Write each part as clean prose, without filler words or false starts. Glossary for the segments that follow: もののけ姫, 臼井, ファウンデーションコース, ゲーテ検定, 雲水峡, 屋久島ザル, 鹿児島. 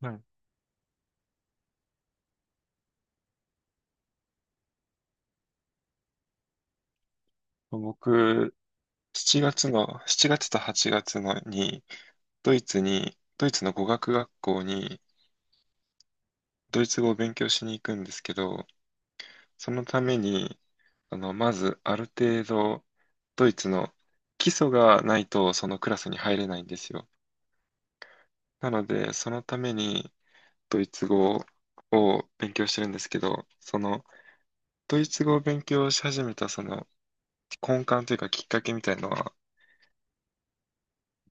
はい。僕、7月と8月のに、ドイツの語学学校に、ドイツ語を勉強しに行くんですけど、そのために、まず、ある程度、ドイツの基礎がないと、そのクラスに入れないんですよ。なので、そのために、ドイツ語を勉強してるんですけど、ドイツ語を勉強し始めた、根幹というか、きっかけみたいのは、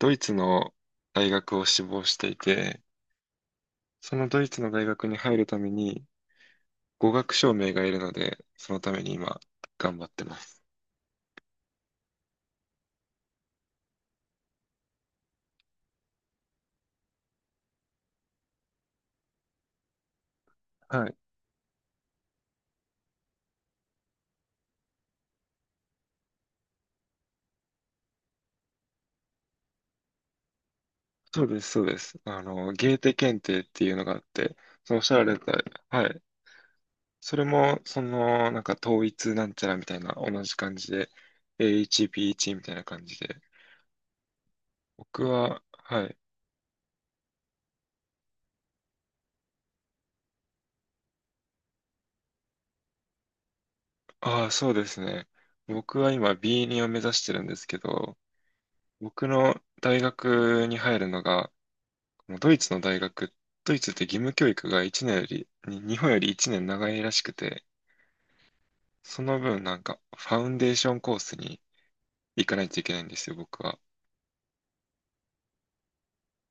ドイツの大学を志望していて、そのドイツの大学に入るために語学証明がいるので、そのために今頑張ってます。はい。そうです、そうです。ゲーテ検定っていうのがあって、そのおっしゃられた、はい。それも、なんか統一なんちゃらみたいな同じ感じで、A1、B1 みたいな感じで。僕は、はい。ああ、そうですね。僕は今 B2 を目指してるんですけど、僕の大学に入るのが、もうドイツの大学、ドイツって義務教育が1年より、に日本より1年長いらしくて、その分なんかファウンデーションコースに行かないといけないんですよ、僕は。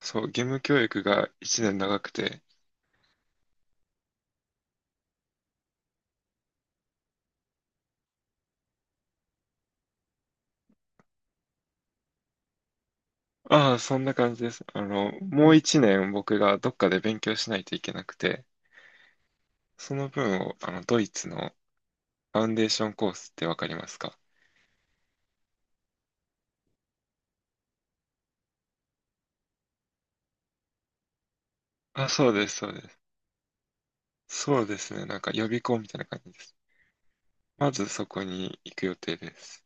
そう、義務教育が1年長くて、ああ、そんな感じです。もう1年僕がどっかで勉強しないといけなくて、その分をあのドイツのファウンデーションコースってわかりますか？あ、そうです、そうです。そうですね、なんか予備校みたいな感じです。まずそこに行く予定です。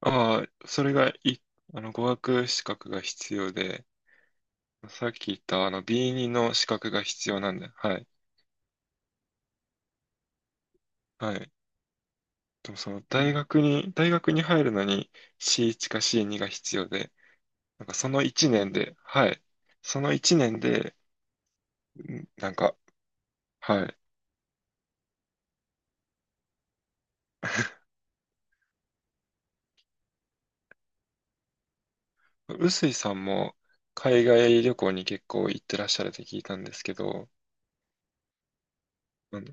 ああ、それがい、あの、語学資格が必要で、さっき言ったあの B2 の資格が必要なんで、はい。はい。でも大学に入るのに C1 か C2 が必要で、なんかその1年で、はい。その1年で、んなんか、はい。臼井さんも海外旅行に結構行ってらっしゃるって聞いたんですけど、あの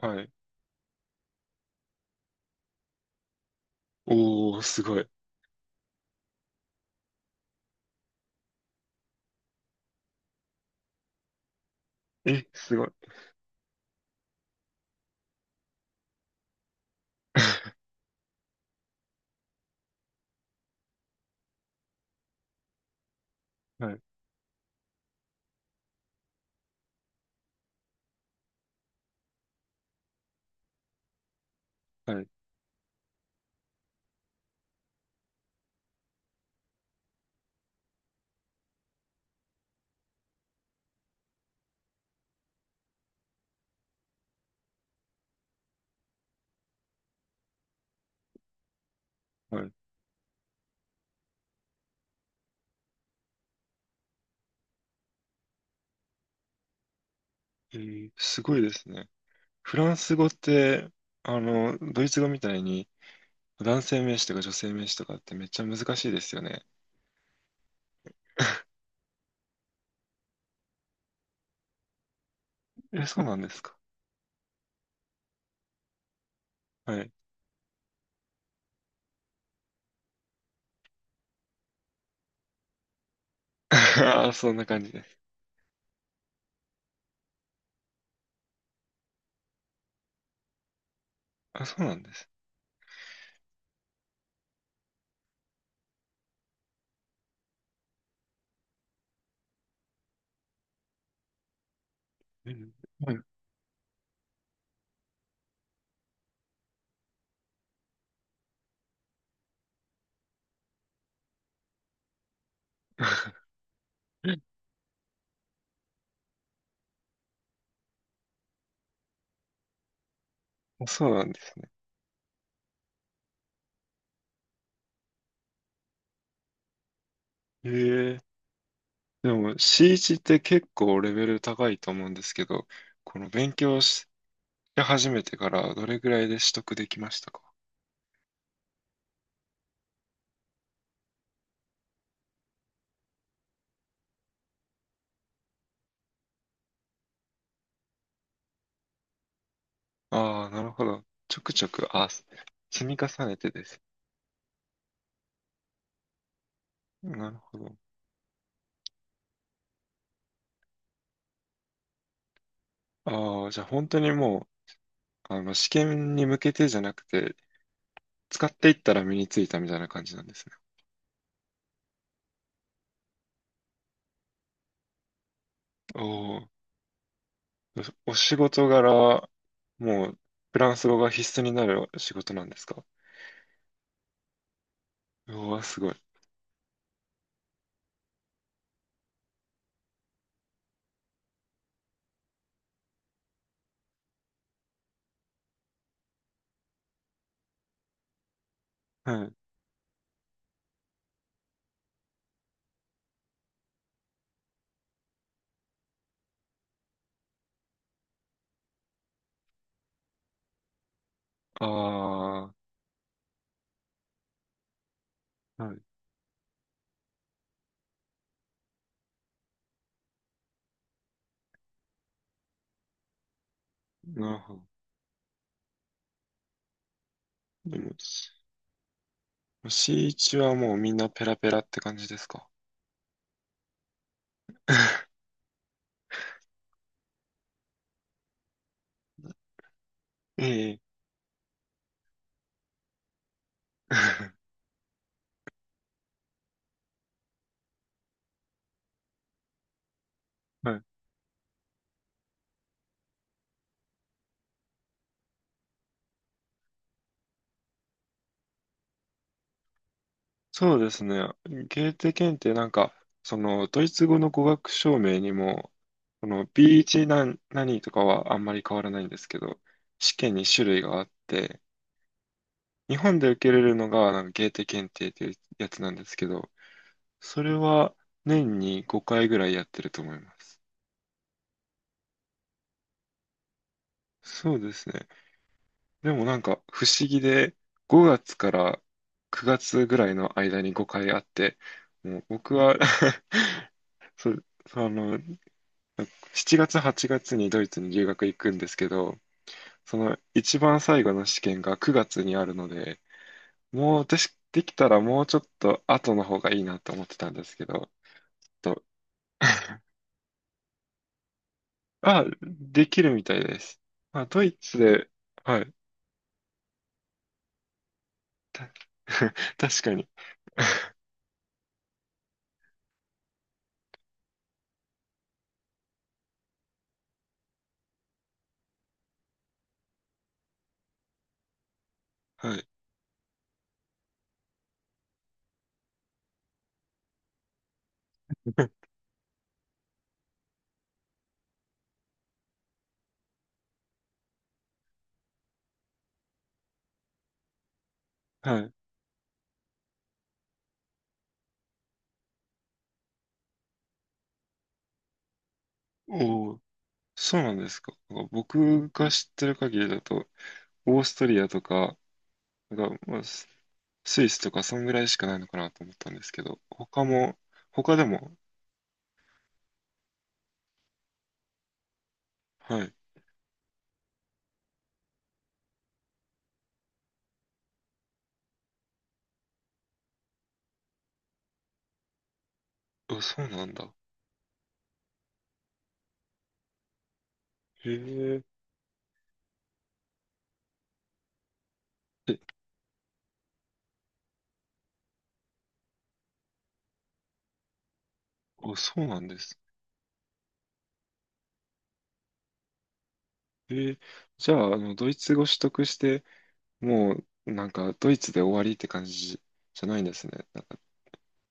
はい。おー、すごい。え、すごい。はい、はい、はい。すごいですね。フランス語って、ドイツ語みたいに男性名詞とか女性名詞とかってめっちゃ難しいですよね。え、そうなんですか？はい。あ、そんな感じです。あ、そうなんです。うん。はい。あ。 そうなんですね。へえ。でも C1 って結構レベル高いと思うんですけど、この勉強し始めてからどれぐらいで取得できましたか？ああ、なるほど。ちょくちょく、あ、積み重ねてです。なるほど。ああ、じゃあ本当にもう試験に向けてじゃなくて、使っていったら身についたみたいな感じなんですね。おー。お仕事柄、もう、フランス語が必須になる仕事なんですか？うわ、すごい。はい。ああ、はい。なるほど。でも、C1 はもうみんなペラペラって感じですか？ ええ。はい。そうですね。ゲーテ検定なんか、そのドイツ語の語学証明にも、この B1 何とかはあんまり変わらないんですけど、試験に種類があって、日本で受けれるのがなんかゲーテ検定っていうやつなんですけど、それは年に5回ぐらいやってると思います。そうですね。でもなんか不思議で、5月から9月ぐらいの間に5回あって、もう僕は そう、あの、7月、8月にドイツに留学行くんですけど、その一番最後の試験が9月にあるので、もう私、できたらもうちょっと後の方がいいなと思ってたんですけど、と、あ、できるみたいです。まあ、ドイツで、はい。た 確かに。はい。はい。おお、そうなんですか。僕が知ってる限りだと、オーストリアとか、まあスイスとかそんぐらいしかないのかなと思ったんですけど、他でも、はい。あ、そうなんだ。へえ。え、あ、そうなんです。へえー。じゃあ、ドイツ語取得して、もう、なんか、ドイツで終わりって感じじゃないんですね。なんか、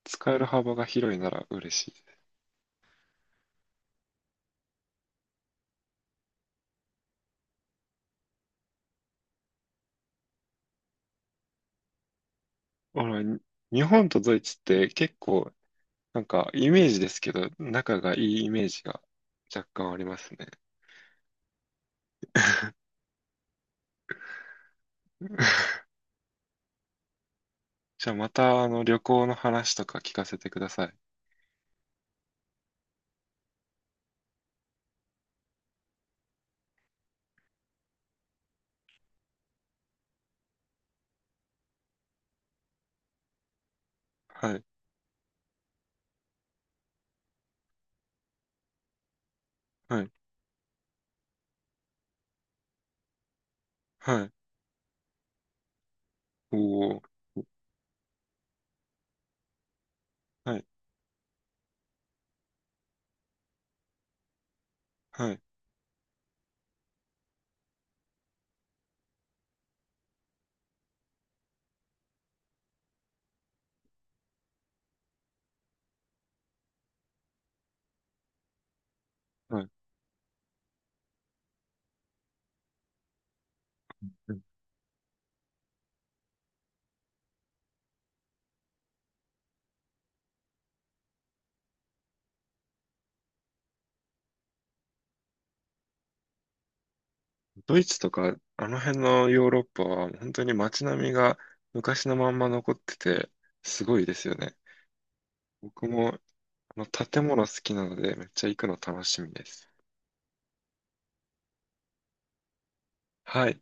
使える幅が広いなら嬉しいです。あら、日本とドイツって結構、なんか、イメージですけど、仲がいいイメージが若干ありますね。じゃあ、また、旅行の話とか聞かせてください。はい、はい、はい、おお、はい、はい、はい。うん。ドイツとか、あの辺のヨーロッパは、本当に街並みが昔のまんま残ってて、すごいですよね。僕も、建物好きなので、めっちゃ行くの楽しみです。はい。